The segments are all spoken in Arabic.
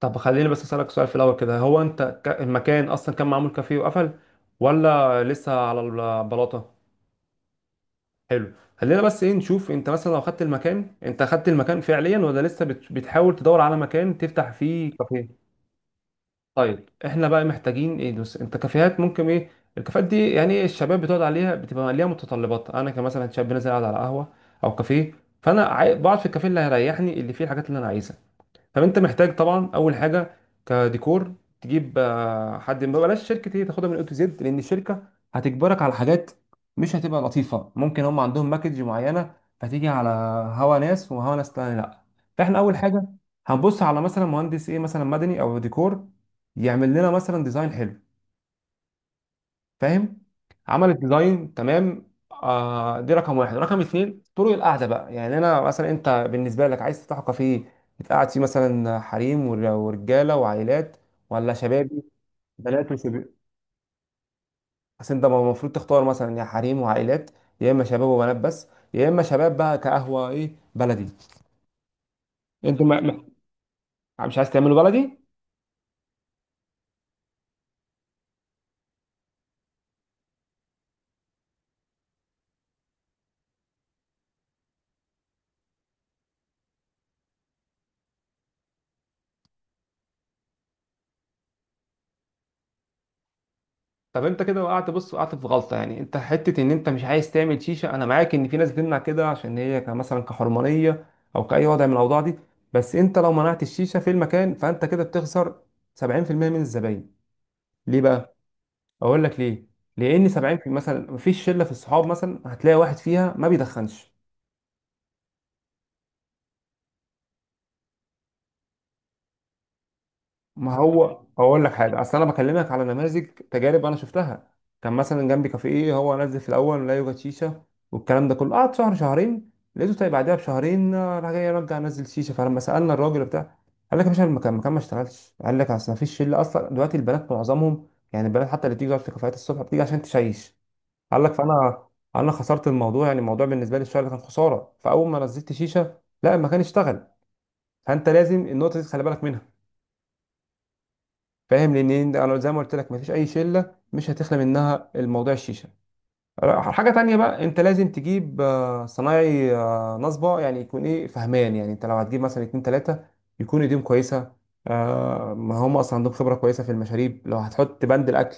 طب خليني بس اسالك سؤال في الاول كده. هو انت المكان اصلا كان معمول كافيه وقفل ولا لسه على البلاطه؟ حلو، خلينا بس ايه نشوف، انت مثلا لو خدت المكان، انت خدت المكان فعليا ولا لسه بتحاول تدور على مكان تفتح فيه كافيه؟ طيب احنا بقى محتاجين ايه؟ دوس، انت كافيهات ممكن ايه؟ الكافيهات دي يعني إيه، الشباب بتقعد عليها بتبقى ليها متطلبات. انا كمثلا شاب نازل قاعد على قهوه او كافيه، فانا بقعد في الكافيه اللي هيريحني، اللي فيه الحاجات اللي انا عايزها. طب انت محتاج طبعا اول حاجه كديكور تجيب حد. ما بلاش شركه هي تاخدها من اي تو زد، لان الشركه هتجبرك على حاجات مش هتبقى لطيفه. ممكن هم عندهم باكج معينه فتيجي على هوا ناس وهوا ناس تاني، لا. فاحنا اول حاجه هنبص على مثلا مهندس ايه، مثلا مدني او ديكور، يعمل لنا مثلا ديزاين حلو. فاهم؟ عملت ديزاين، تمام، آه دي رقم واحد. رقم اتنين، طرق القعده بقى. يعني انا مثلا، انت بالنسبه لك عايز تفتح كافيه تقعد فيه مثلا حريم ورجاله وعائلات ولا شبابي بنات وشباب؟ بس انت المفروض تختار، مثلا يا حريم وعائلات، يا اما شباب وبنات بس، يا اما شباب بقى كقهوه ايه بلدي. انت مش عايز تعمله بلدي؟ طب انت كده وقعت، بص، وقعت في غلطه. يعني انت حته ان انت مش عايز تعمل شيشه، انا معاك ان في ناس بتمنع كده عشان هي مثلا كحرمانيه او كاي وضع من الاوضاع دي. بس انت لو منعت الشيشه في المكان فانت كده بتخسر 70% من الزباين. ليه بقى؟ اقول لك ليه. لان 70 في مثلا، مفيش شله في الصحاب مثلا هتلاقي واحد فيها ما بيدخنش. ما هو اقول لك حاجه، اصل انا بكلمك على نماذج تجارب انا شفتها. كان مثلا جنبي كافيه إيه، هو نزل في الاول لا يوجد شيشه، والكلام ده كله قعد شهر شهرين. لقيته طيب بعدها بشهرين راح جاي رجع نزل شيشه. فلما سالنا الراجل بتاع، قال لك يا باشا، المكان المكان ما اشتغلش. قال لك اصل ما فيش شله اصلا دلوقتي، البنات معظمهم، يعني البنات حتى اللي بتيجي تقعد في كافيهات الصبح بتيجي عشان تشيش. قال لك فانا انا خسرت الموضوع، يعني الموضوع بالنسبه لي الشغل كان خساره. فاول ما نزلت شيشه، لا، المكان اشتغل. فانت لازم النقطه دي تخلي بالك. فاهم؟ لان انا زي ما قلت لك، مفيش اي شله مش هتخلى منها الموضوع الشيشه. حاجه تانية بقى، انت لازم تجيب صنايعي نصبه. يعني يكون ايه، فهمان. يعني انت لو هتجيب مثلا اتنين تلاته، يكون ايديهم كويسه ما هم اصلا عندهم خبره كويسه في المشاريب، لو هتحط بند الاكل.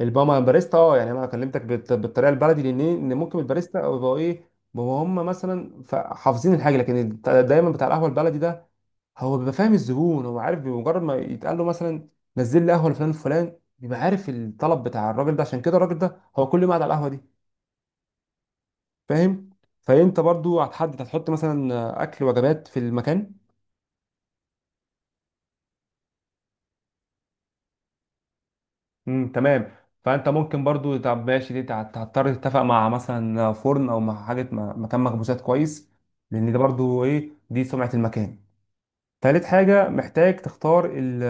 الباما باريستا، اه، يعني انا كلمتك بالطريقه البلدي، لان إيه؟ ان ممكن الباريستا او يبقوا ايه، بيبقوا هم مثلا حافظين الحاجه، لكن دايما بتاع القهوه البلدي ده هو بيبقى فاهم الزبون، هو عارف بمجرد ما يتقال له مثلا نزل لي قهوه لفلان الفلان، بيبقى عارف الطلب بتاع الراجل ده، عشان كده الراجل ده هو كل يوم قاعد على القهوه دي. فاهم؟ فانت برضو هتحط مثلا اكل وجبات في المكان؟ تمام. فانت ممكن برضو، طب ماشي، دي هتضطر تتفق مع مثلا فرن او مع حاجه، مع مكان مخبوزات كويس، لان ده برضو ايه، دي سمعه المكان. تالت حاجة محتاج تختار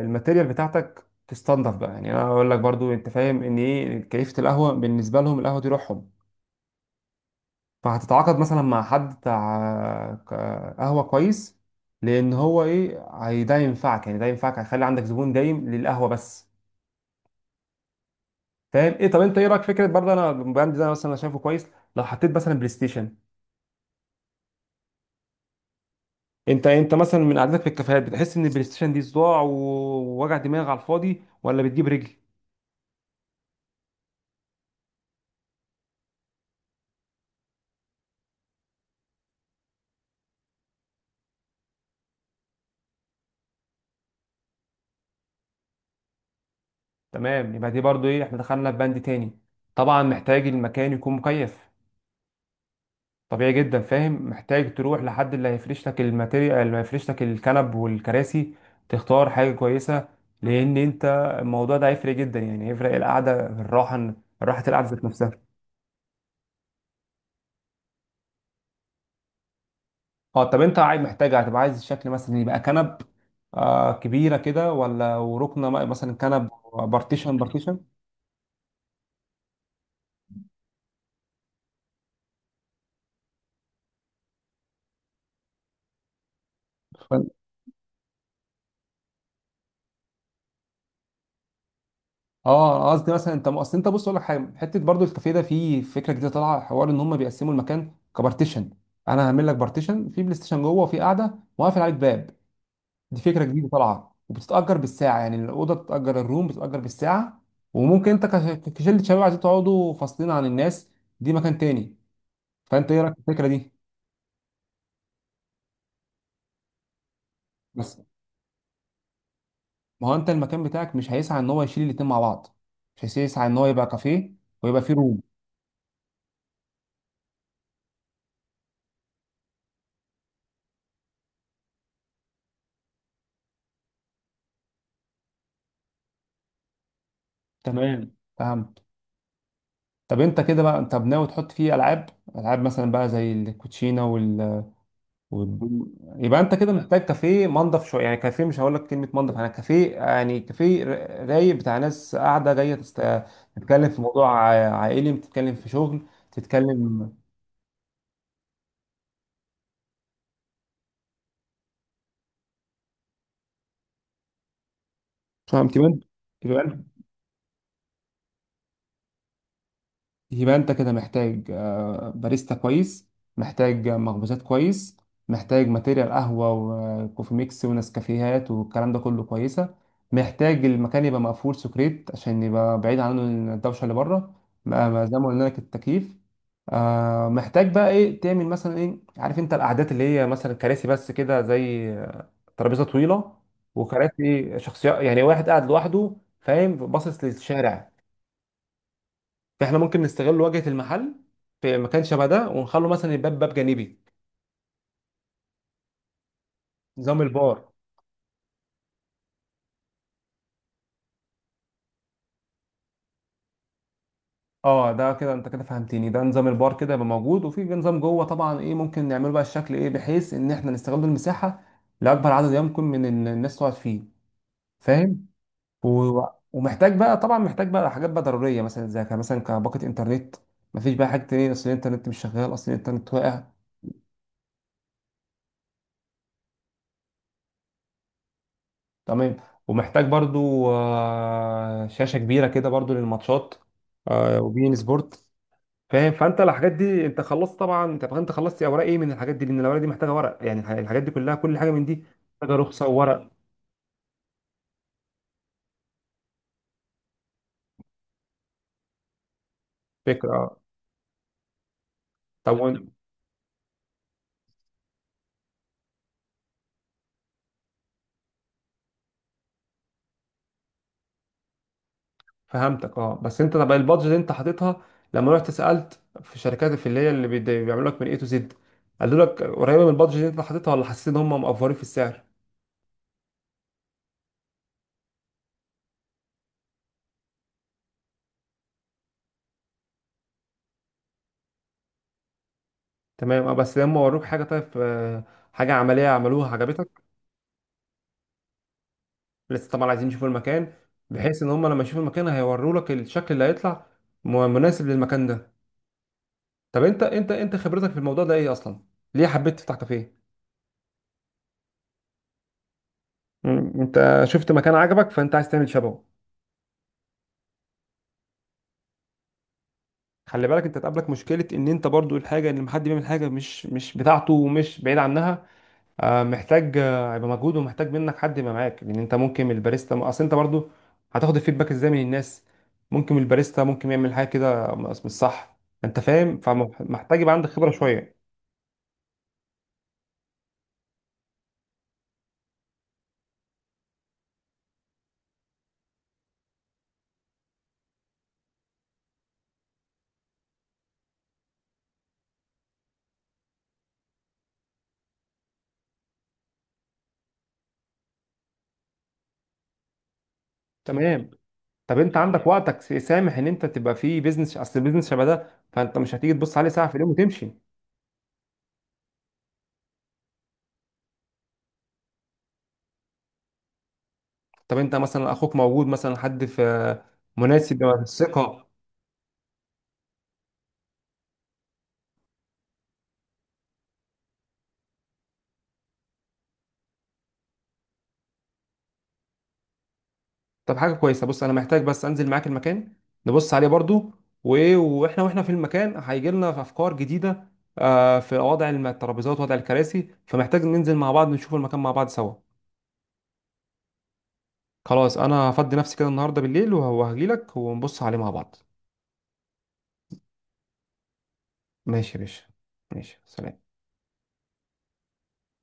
الماتيريال بتاعتك تستنضف بقى. يعني انا اقول لك برضو، انت فاهم ان ايه كيفة القهوة بالنسبة لهم، القهوة دي روحهم. فهتتعاقد مثلا مع حد بتاع قهوة كويس، لان هو ايه، ده ينفعك، يعني ده ينفعك، هيخلي عندك زبون دايم للقهوة بس. فاهم ايه؟ طب انت ايه رايك في فكرة برضه، انا البراند ده مثلا انا شايفه كويس، لو حطيت مثلا بلاي ستيشن؟ انت مثلا من قعدتك في الكافيهات بتحس ان البلاي ستيشن دي صداع ووجع دماغ على الفاضي، ولا بتجيب رجل؟ تمام، يبقى دي برضو ايه، احنا دخلنا في بند تاني. طبعا محتاج المكان يكون مكيف، طبيعي جدا. فاهم؟ محتاج تروح لحد اللي هيفرش لك الماتيريال، اللي هيفرش لك الكنب والكراسي، تختار حاجة كويسة، لان انت الموضوع ده هيفرق جدا. يعني هيفرق القعدة، الراحة، راحة القعدة ذات نفسها. اه طب انت عايز، محتاج، هتبقى عايز الشكل مثلا يبقى كنب آه كبيرة كده، ولا وركنة مثلا كنب بارتيشن؟ اه انا قصدي مثلا، انت اصل انت بص، اقول لك حاجه، حته برضو الكافيه ده فيه فكره جديده طالعه حوار ان هم بيقسموا المكان كبارتيشن. انا هعمل لك بارتيشن، في بلاي ستيشن جوه وفي قاعده، وقافل عليك باب. دي فكره جديده طالعه، وبتتاجر بالساعه. يعني الاوضه بتتاجر، الروم بتتاجر بالساعه. وممكن انت كشله شباب عايزين تقعدوا فاصلين عن الناس، دي مكان تاني. فانت ايه رايك في الفكره دي؟ بس ما هو انت المكان بتاعك مش هيسعى ان هو يشيل الاتنين مع بعض، مش هيسعى ان هو يبقى كافيه ويبقى فيه روم؟ تمام، فهمت. طب انت كده بقى، طب ناوي تحط فيه العاب؟ العاب مثلا بقى زي الكوتشينه وال... يبقى انت كده محتاج كافيه منضف شويه. يعني كافيه، مش هقول لك كلمه منضف انا، كافيه يعني كافيه رايق، بتاع ناس قاعده جايه تتكلم في موضوع عائلي، بتتكلم في شغل، تتكلم. فهمت؟ يبقى انت يبقى انت كده محتاج باريستا كويس، محتاج مخبوزات كويس، محتاج ماتيريال قهوة وكوفي ميكس ونسكافيهات والكلام ده كله كويسة. محتاج المكان يبقى مقفول سكريت، عشان يبقى بعيد عنه الدوشة اللي بره، ما زي ما قلنا لك، التكييف. محتاج بقى ايه، تعمل مثلا ايه، عارف انت القعدات اللي هي مثلا كراسي بس كده، زي ترابيزة طويلة وكراسي شخصية يعني، واحد قاعد لوحده، فاهم، باصص للشارع. فاحنا ممكن نستغل واجهه المحل في مكان شبه ده، ونخلو مثلا الباب باب جانبي، نظام البار. اه ده كده انت كده فهمتني، ده نظام البار كده يبقى موجود، وفي بقى نظام جوه طبعا ايه ممكن نعمله، بقى الشكل ايه بحيث ان احنا نستغل المساحه لاكبر عدد يمكن من الناس تقعد فيه. فاهم؟ و... ومحتاج بقى طبعا، محتاج بقى حاجات بقى ضروريه، مثلا زي مثلا كباقه انترنت، مفيش بقى حاجه تانية اصل الانترنت مش شغال، اصل الانترنت واقع. تمام. ومحتاج برضو شاشة كبيرة كده برضو للماتشات وبين سبورت. فاهم؟ فانت الحاجات دي انت خلصت طبعا، انت خلصت اوراق ايه من الحاجات دي؟ لان الاوراق دي محتاجه ورق، يعني الحاجات دي كلها، كل حاجه من دي محتاجه رخصه وورق. فكره اه. طب فهمتك اه. بس انت، طب البادجت اللي انت حاططها، لما رحت سالت في شركات في اللي هي اللي بيعملوا لك من اي تو زد، قالوا لك قريبه من البادجت اللي انت حاططها، ولا حسيت ان هم مقفرين في السعر؟ تمام اه. بس لما وروك حاجه طيب، حاجه عمليه عملوها عجبتك؟ لسه طبعا، عايزين يشوفوا المكان، بحيث ان هم لما يشوفوا المكان هيوروا لك الشكل اللي هيطلع مناسب للمكان ده. طب انت خبرتك في الموضوع ده ايه اصلا؟ ليه حبيت تفتح كافيه؟ انت شفت مكان عجبك فانت عايز تعمل شبهه؟ خلي بالك انت تقابلك مشكلة، ان انت برضو الحاجة ان لما حد بيعمل حاجة مش بتاعته ومش بعيد عنها، محتاج هيبقى مجهود، ومحتاج منك حد يبقى معاك. لان انت ممكن الباريستا، اصل انت برضو هتاخد الفيدباك ازاي من الناس؟ ممكن الباريستا ممكن يعمل حاجه كده مش صح. انت فاهم؟ فمحتاج يبقى عندك خبره شويه. تمام. طب انت عندك وقتك سامح ان انت تبقى في بيزنس اصل البيزنس شبه ده؟ فانت مش هتيجي تبص عليه ساعه في اليوم وتمشي. طب انت مثلا اخوك موجود، مثلا حد في مناسب ثقه؟ طب حاجة كويسة، بص، أنا محتاج بس أنزل معاك المكان نبص عليه برضو، وإيه، وإحنا في المكان هيجي لنا في أفكار جديدة، في وضع الترابيزات، وضع الكراسي. فمحتاج ننزل مع بعض نشوف المكان مع بعض سوا. خلاص، أنا هفضي نفسي كده النهاردة بالليل وهجيلك ونبص عليه مع بعض. ماشي يا باشا. ماشي، سلام.